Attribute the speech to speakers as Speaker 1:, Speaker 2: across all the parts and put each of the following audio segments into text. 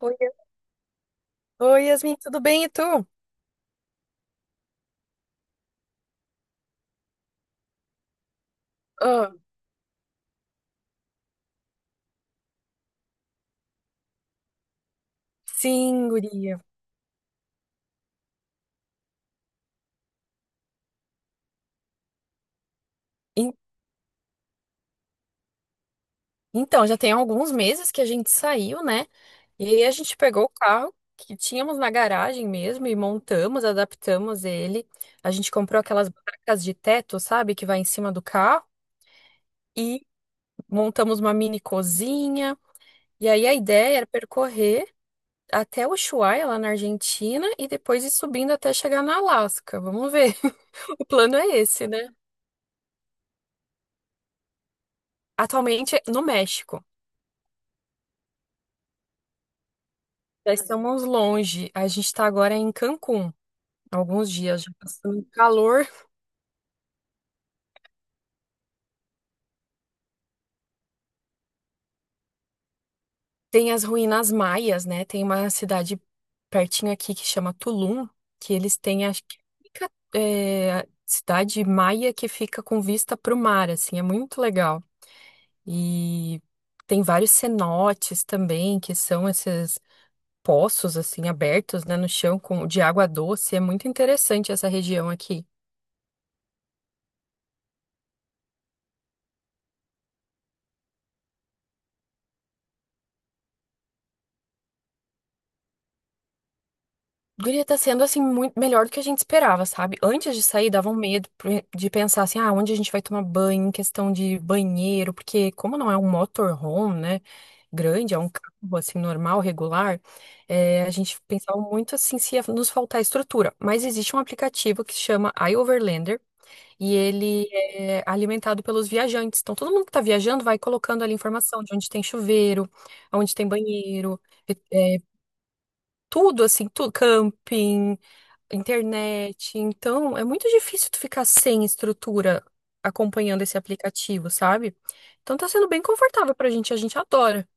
Speaker 1: Oi, Oi, Yasmin, tudo bem? E tu? Ah, Sim, guria. En- Então, já tem alguns meses que a gente saiu, né? E aí a gente pegou o carro que tínhamos na garagem mesmo e montamos, adaptamos ele. A gente comprou aquelas barracas de teto, sabe, que vai em cima do carro e montamos uma mini cozinha. E aí a ideia era percorrer até Ushuaia, lá na Argentina, e depois ir subindo até chegar na Alasca. Vamos ver. O plano é esse, né? Atualmente é no México. Já estamos longe. A gente está agora em Cancún. Alguns dias já passando calor. Tem as ruínas maias, né? Tem uma cidade pertinho aqui que chama Tulum, que eles têm, acho que fica, é, a cidade maia que fica com vista para o mar, assim, é muito legal. E tem vários cenotes também, que são esses poços, assim, abertos, né, no chão com, de água doce. É muito interessante essa região aqui. Guria, tá sendo assim muito melhor do que a gente esperava, sabe? Antes de sair, dava um medo de pensar assim, ah, onde a gente vai tomar banho, em questão de banheiro, porque como não é um motorhome, né, grande, é um carro assim normal, regular, é, a gente pensava muito assim se ia nos faltar estrutura. Mas existe um aplicativo que se chama iOverlander e ele é alimentado pelos viajantes. Então todo mundo que tá viajando vai colocando ali informação de onde tem chuveiro, onde tem banheiro, eh, tudo assim, tudo, camping internet. Então, é muito difícil tu ficar sem estrutura acompanhando esse aplicativo, sabe? Então tá sendo bem confortável pra gente, a gente adora.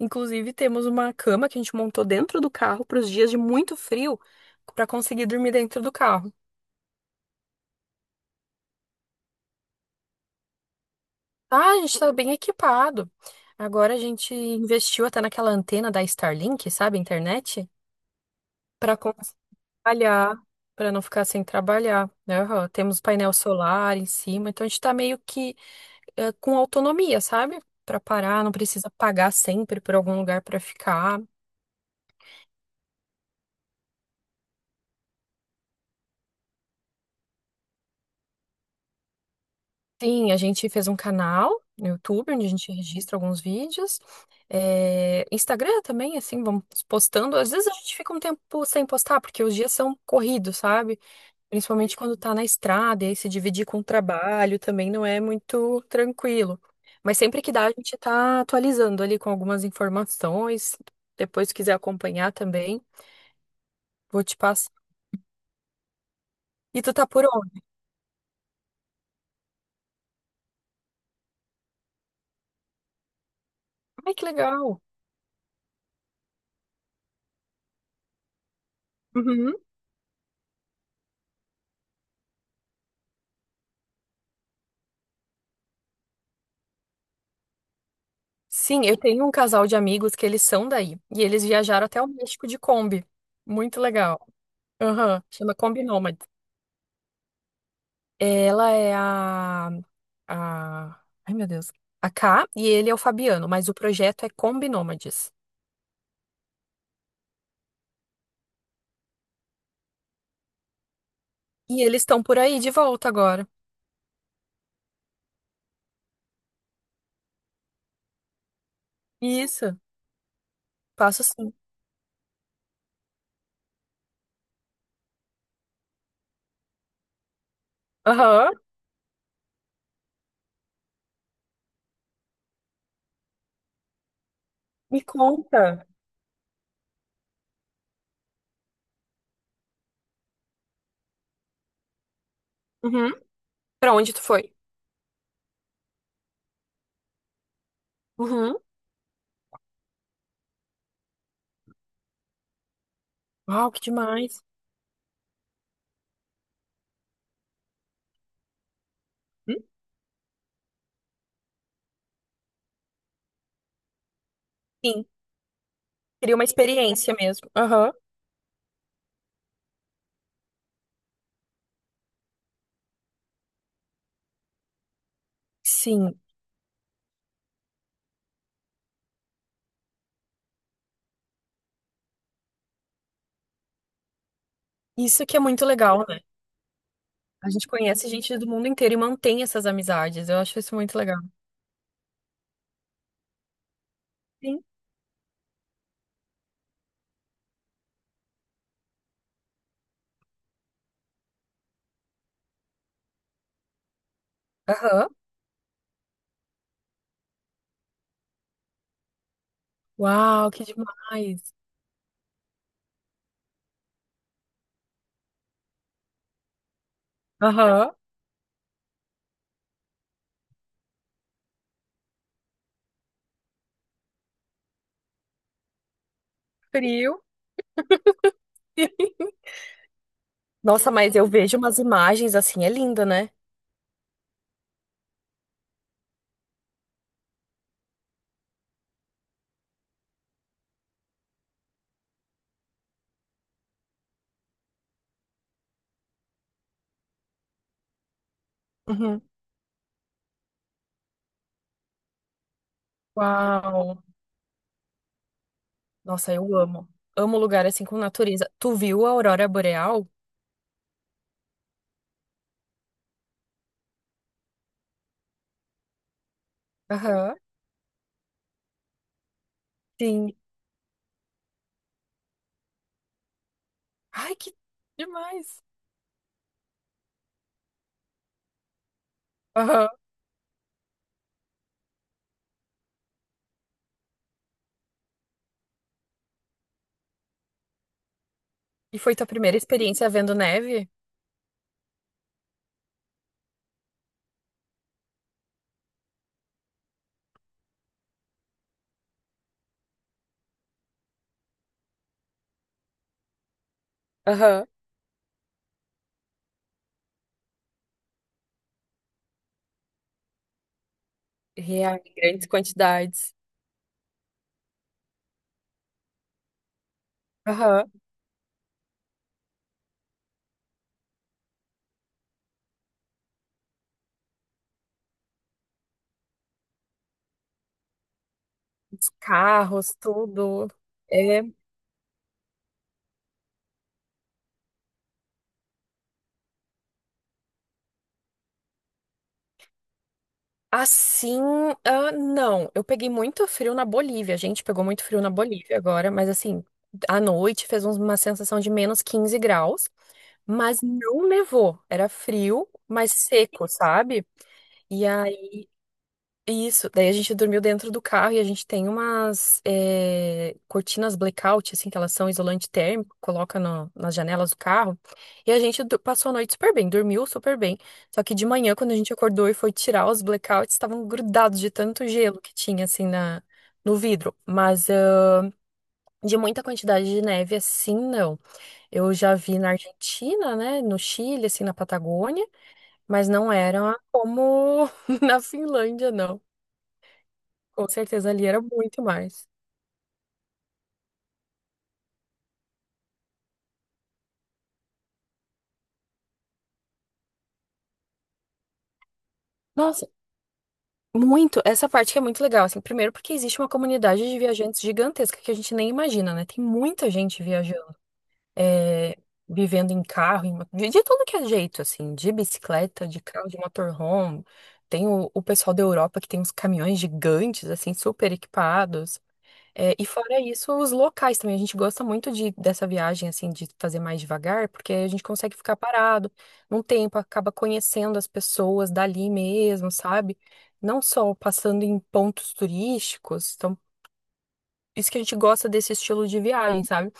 Speaker 1: Inclusive, temos uma cama que a gente montou dentro do carro para os dias de muito frio, pra conseguir dormir dentro do carro. Ah, a gente tá bem equipado. Agora a gente investiu até naquela antena da Starlink, sabe, internet, para trabalhar, para não ficar sem trabalhar, né? Aham. Temos painel solar em cima, então a gente tá meio que é, com autonomia, sabe? Pra parar, não precisa pagar sempre por algum lugar pra ficar. Sim, a gente fez um canal no YouTube onde a gente registra alguns vídeos. É, Instagram também, assim, vamos postando. Às vezes a gente fica um tempo sem postar, porque os dias são corridos, sabe? Principalmente quando tá na estrada, e aí se dividir com o trabalho também não é muito tranquilo. Mas sempre que dá, a gente tá atualizando ali com algumas informações. Depois, se quiser acompanhar também, vou te passar. E tu tá por. Ai, que legal. Uhum. Sim, eu tenho um casal de amigos que eles são daí. E eles viajaram até o México de Kombi. Muito legal. Aham. Chama Kombi Nômade. Ela é a. Ai, meu Deus. A Ká e ele é o Fabiano, mas o projeto é Kombi Nômades. E eles estão por aí de volta agora. Isso. Passo sim. Aham. Me conta. Uhum. Pra onde tu foi? Uhum. Uau, que demais. Hum? Sim. Queria uma experiência mesmo. Aham. Sim. Isso que é muito legal, né? A gente conhece gente do mundo inteiro e mantém essas amizades. Eu acho isso muito legal. Sim. Aham. Uau, que demais. Aham. Frio. Nossa, mas eu vejo umas imagens assim, é linda, né? Uhum. Uau. Nossa, eu amo. Amo lugar assim com natureza. Tu viu a aurora boreal? Aham. Sim. Ai, que demais. Aham. E foi tua primeira experiência vendo neve? Aham. Real, em grandes quantidades. Aham. Os carros, tudo. É, assim, ah, não, eu peguei muito frio na Bolívia, a gente pegou muito frio na Bolívia agora, mas assim, à noite uma sensação de -15 graus, mas não nevou, era frio, mas seco, sabe? E aí. Isso, daí a gente dormiu dentro do carro e a gente tem umas cortinas blackout, assim, que elas são isolante térmico, coloca nas janelas do carro. E a gente passou a noite super bem, dormiu super bem. Só que de manhã, quando a gente acordou e foi tirar os blackouts, estavam grudados de tanto gelo que tinha, assim, no vidro. Mas ah, de muita quantidade de neve, assim, não. Eu já vi na Argentina, né, no Chile, assim, na Patagônia, mas não era como na Finlândia, não. Com certeza ali era muito mais. Nossa, muito. Essa parte que é muito legal, assim. Primeiro porque existe uma comunidade de viajantes gigantesca que a gente nem imagina, né? Tem muita gente viajando, é, vivendo em carro, de tudo que é jeito, assim, de bicicleta, de carro, de motorhome. Tem o pessoal da Europa que tem uns caminhões gigantes, assim, super equipados. É, e fora isso, os locais também. A gente gosta muito dessa viagem, assim, de fazer mais devagar, porque a gente consegue ficar parado num tempo, acaba conhecendo as pessoas dali mesmo, sabe? Não só passando em pontos turísticos. Então, isso que a gente gosta desse estilo de viagem, sabe?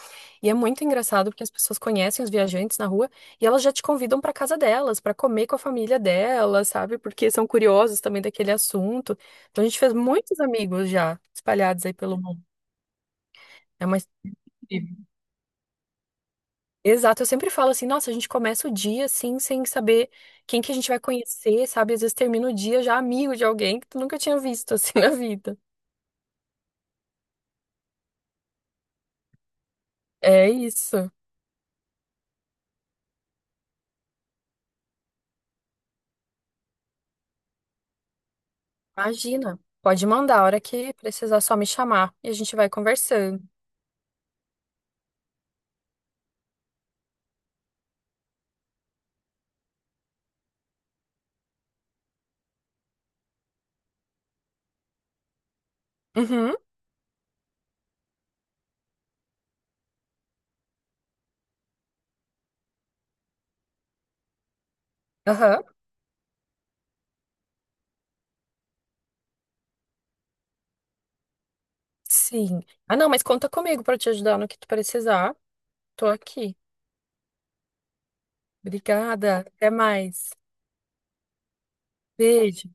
Speaker 1: E é muito engraçado porque as pessoas conhecem os viajantes na rua e elas já te convidam para casa delas, para comer com a família delas, sabe? Porque são curiosos também daquele assunto. Então, a gente fez muitos amigos já espalhados aí pelo mundo. É uma Exato, eu sempre falo assim, nossa, a gente começa o dia assim, sem saber quem que a gente vai conhecer, sabe? Às vezes termina o dia já amigo de alguém que tu nunca tinha visto assim na vida. É isso. Imagina. Pode mandar a hora que precisar só me chamar e a gente vai conversando. Uhum. Aham. Sim. Ah, não, mas conta comigo para te ajudar no que tu precisar. Tô aqui. Obrigada. Até mais. Beijo.